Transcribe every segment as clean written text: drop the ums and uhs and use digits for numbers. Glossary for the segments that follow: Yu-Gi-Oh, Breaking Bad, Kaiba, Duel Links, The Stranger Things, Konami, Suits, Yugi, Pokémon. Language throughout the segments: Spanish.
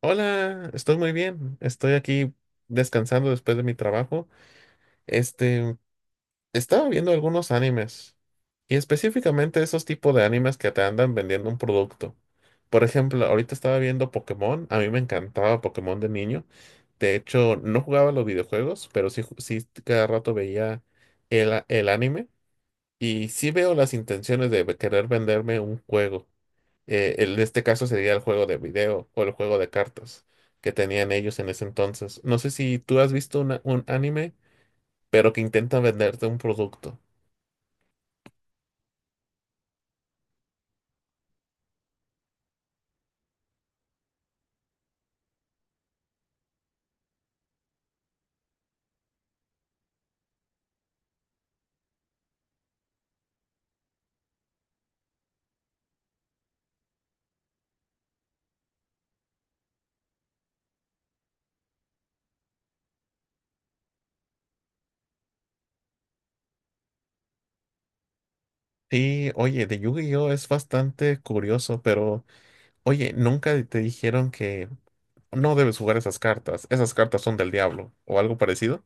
Hola, estoy muy bien. Estoy aquí descansando después de mi trabajo. Este, estaba viendo algunos animes y específicamente esos tipos de animes que te andan vendiendo un producto. Por ejemplo, ahorita estaba viendo Pokémon. A mí me encantaba Pokémon de niño. De hecho, no jugaba los videojuegos, pero sí, sí cada rato veía el anime y sí veo las intenciones de querer venderme un juego. En este caso sería el juego de video o el juego de cartas que tenían ellos en ese entonces. No sé si tú has visto un anime, pero que intenta venderte un producto. Sí, oye, de Yu-Gi-Oh es bastante curioso, pero oye, nunca te dijeron que no debes jugar esas cartas. Esas cartas son del diablo o algo parecido.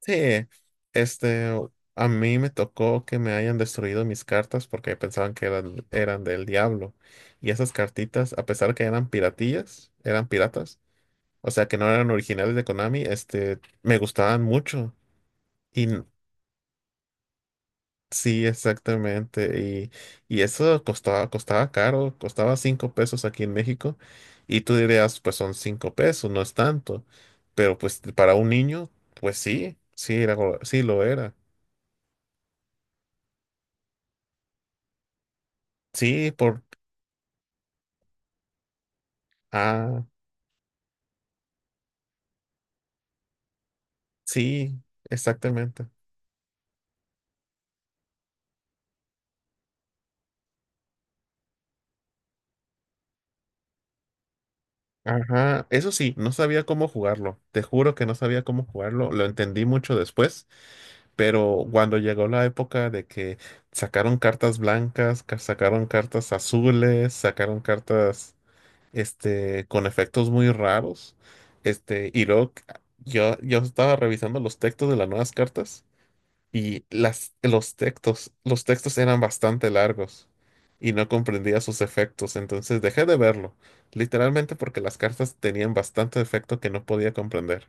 Sí, este, a mí me tocó que me hayan destruido mis cartas porque pensaban que eran del diablo. Y esas cartitas, a pesar que eran piratillas, eran piratas, o sea que no eran originales de Konami. Me gustaban mucho. Y n- sí, exactamente. Y eso costaba caro, costaba 5 pesos aquí en México. Y tú dirías, pues son 5 pesos, no es tanto. Pero pues para un niño, pues sí, sí, sí lo era. Sí, ah, sí, exactamente. Ajá, eso sí, no sabía cómo jugarlo. Te juro que no sabía cómo jugarlo. Lo entendí mucho después, pero cuando llegó la época de que sacaron cartas blancas, sacaron cartas azules, sacaron cartas, con efectos muy raros, y luego yo estaba revisando los textos de las nuevas cartas. Y los textos eran bastante largos y no comprendía sus efectos, entonces dejé de verlo, literalmente porque las cartas tenían bastante efecto que no podía comprender.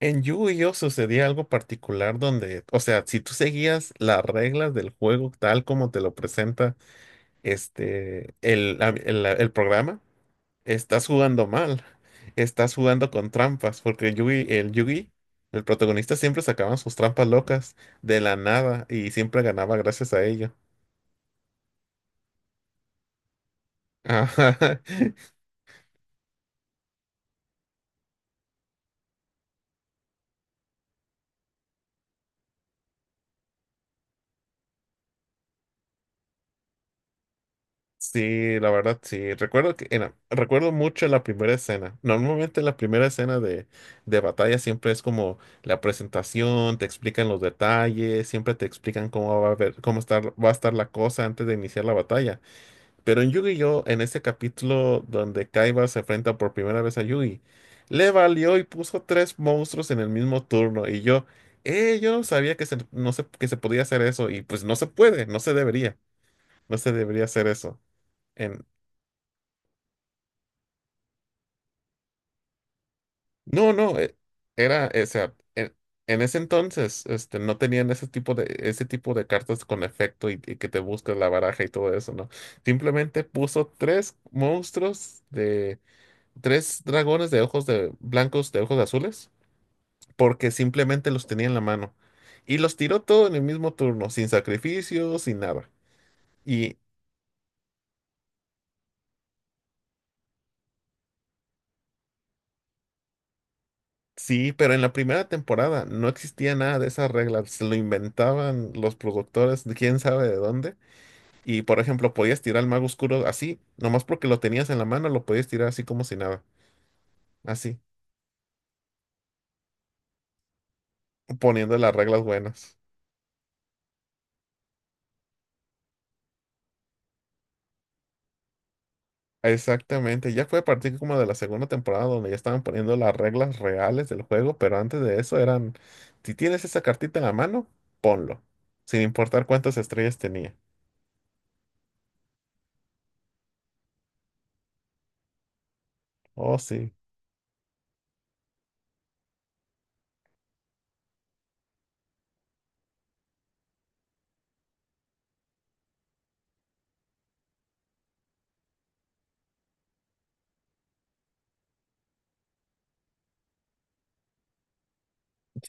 En Yu-Gi-Oh! Sucedía algo particular donde, o sea, si tú seguías las reglas del juego tal como te lo presenta este, el, el programa. Estás jugando mal. Estás jugando con trampas, porque el Yugi, el protagonista siempre sacaban sus trampas locas de la nada y siempre ganaba gracias a ello. Ajá. Sí, la verdad, sí. Recuerdo que recuerdo mucho la primera escena. Normalmente la primera escena de batalla siempre es como la presentación, te explican los detalles, siempre te explican cómo va a ver, cómo estar, va a estar la cosa antes de iniciar la batalla. Pero en Yu-Gi-Oh, en este capítulo donde Kaiba se enfrenta por primera vez a Yugi, le valió y puso tres monstruos en el mismo turno. Y yo no sabía que se, no se, que se podía hacer eso. Y pues no se puede, no se debería hacer eso. En, no, no, o sea, en ese entonces, no tenían ese tipo de cartas con efecto y que te buscas la baraja y todo eso, ¿no? Simplemente puso tres monstruos de tres dragones de ojos de blancos de ojos azules, porque simplemente los tenía en la mano y los tiró todo en el mismo turno, sin sacrificio, sin nada. Y sí, pero en la primera temporada no existía nada de esas reglas. Se lo inventaban los productores de quién sabe de dónde, y por ejemplo podías tirar al mago oscuro así nomás, porque lo tenías en la mano lo podías tirar así como si nada, así poniendo las reglas buenas. Exactamente, ya fue a partir como de la segunda temporada donde ya estaban poniendo las reglas reales del juego, pero antes de eso eran, si tienes esa cartita en la mano, ponlo, sin importar cuántas estrellas tenía. Oh, sí.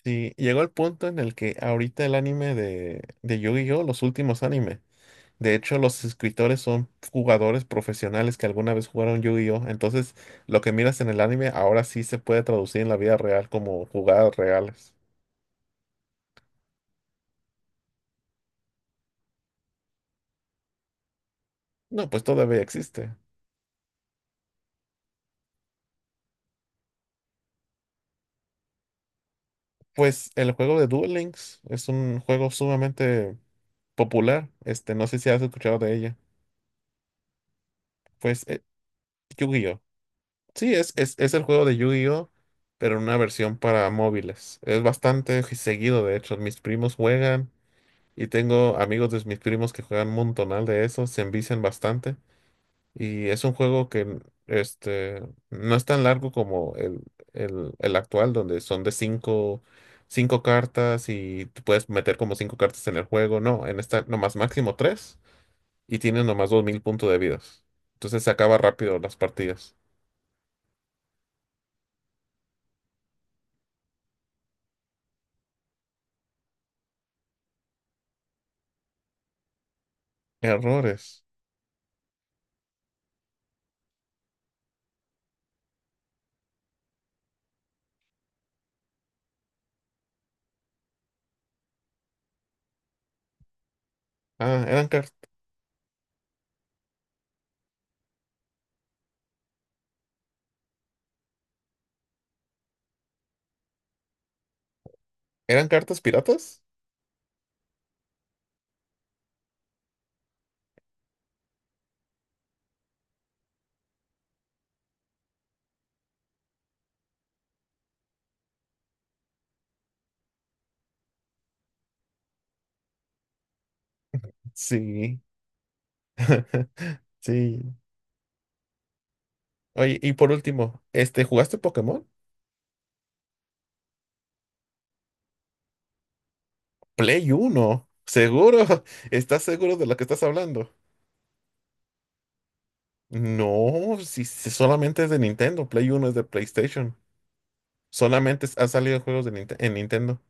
Sí, llegó el punto en el que ahorita el anime de Yu-Gi-Oh, los últimos anime, de hecho los escritores son jugadores profesionales que alguna vez jugaron Yu-Gi-Oh, entonces lo que miras en el anime ahora sí se puede traducir en la vida real como jugadas reales. No, pues todavía existe. Pues el juego de Duel Links es un juego sumamente popular. No sé si has escuchado de ella. Pues Yu-Gi-Oh! Sí, es el juego de Yu-Gi-Oh!, pero en una versión para móviles. Es bastante seguido, de hecho. Mis primos juegan y tengo amigos de mis primos que juegan un montonal de eso. Se envician bastante. Y es un juego que este, no es tan largo como el actual, donde son de cinco cartas y te puedes meter como cinco cartas en el juego. No, en esta nomás máximo tres y tienes nomás 2000 puntos de vidas. Entonces se acaba rápido las partidas. Errores. Ah, eran cartas piratas? Sí. Sí. Oye, y por último, ¿jugaste Pokémon? Play uno. ¿Seguro? ¿Estás seguro de lo que estás hablando? No, si solamente es de Nintendo. Play Uno es de PlayStation. Solamente ha salido juegos de en Nintendo.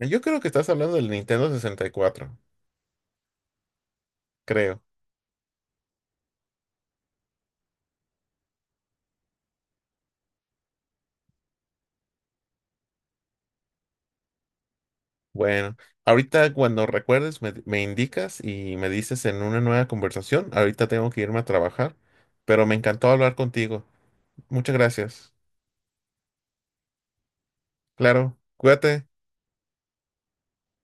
Yo creo que estás hablando del Nintendo 64, creo. Bueno, ahorita cuando recuerdes me indicas y me dices en una nueva conversación. Ahorita tengo que irme a trabajar, pero me encantó hablar contigo. Muchas gracias. Claro, cuídate.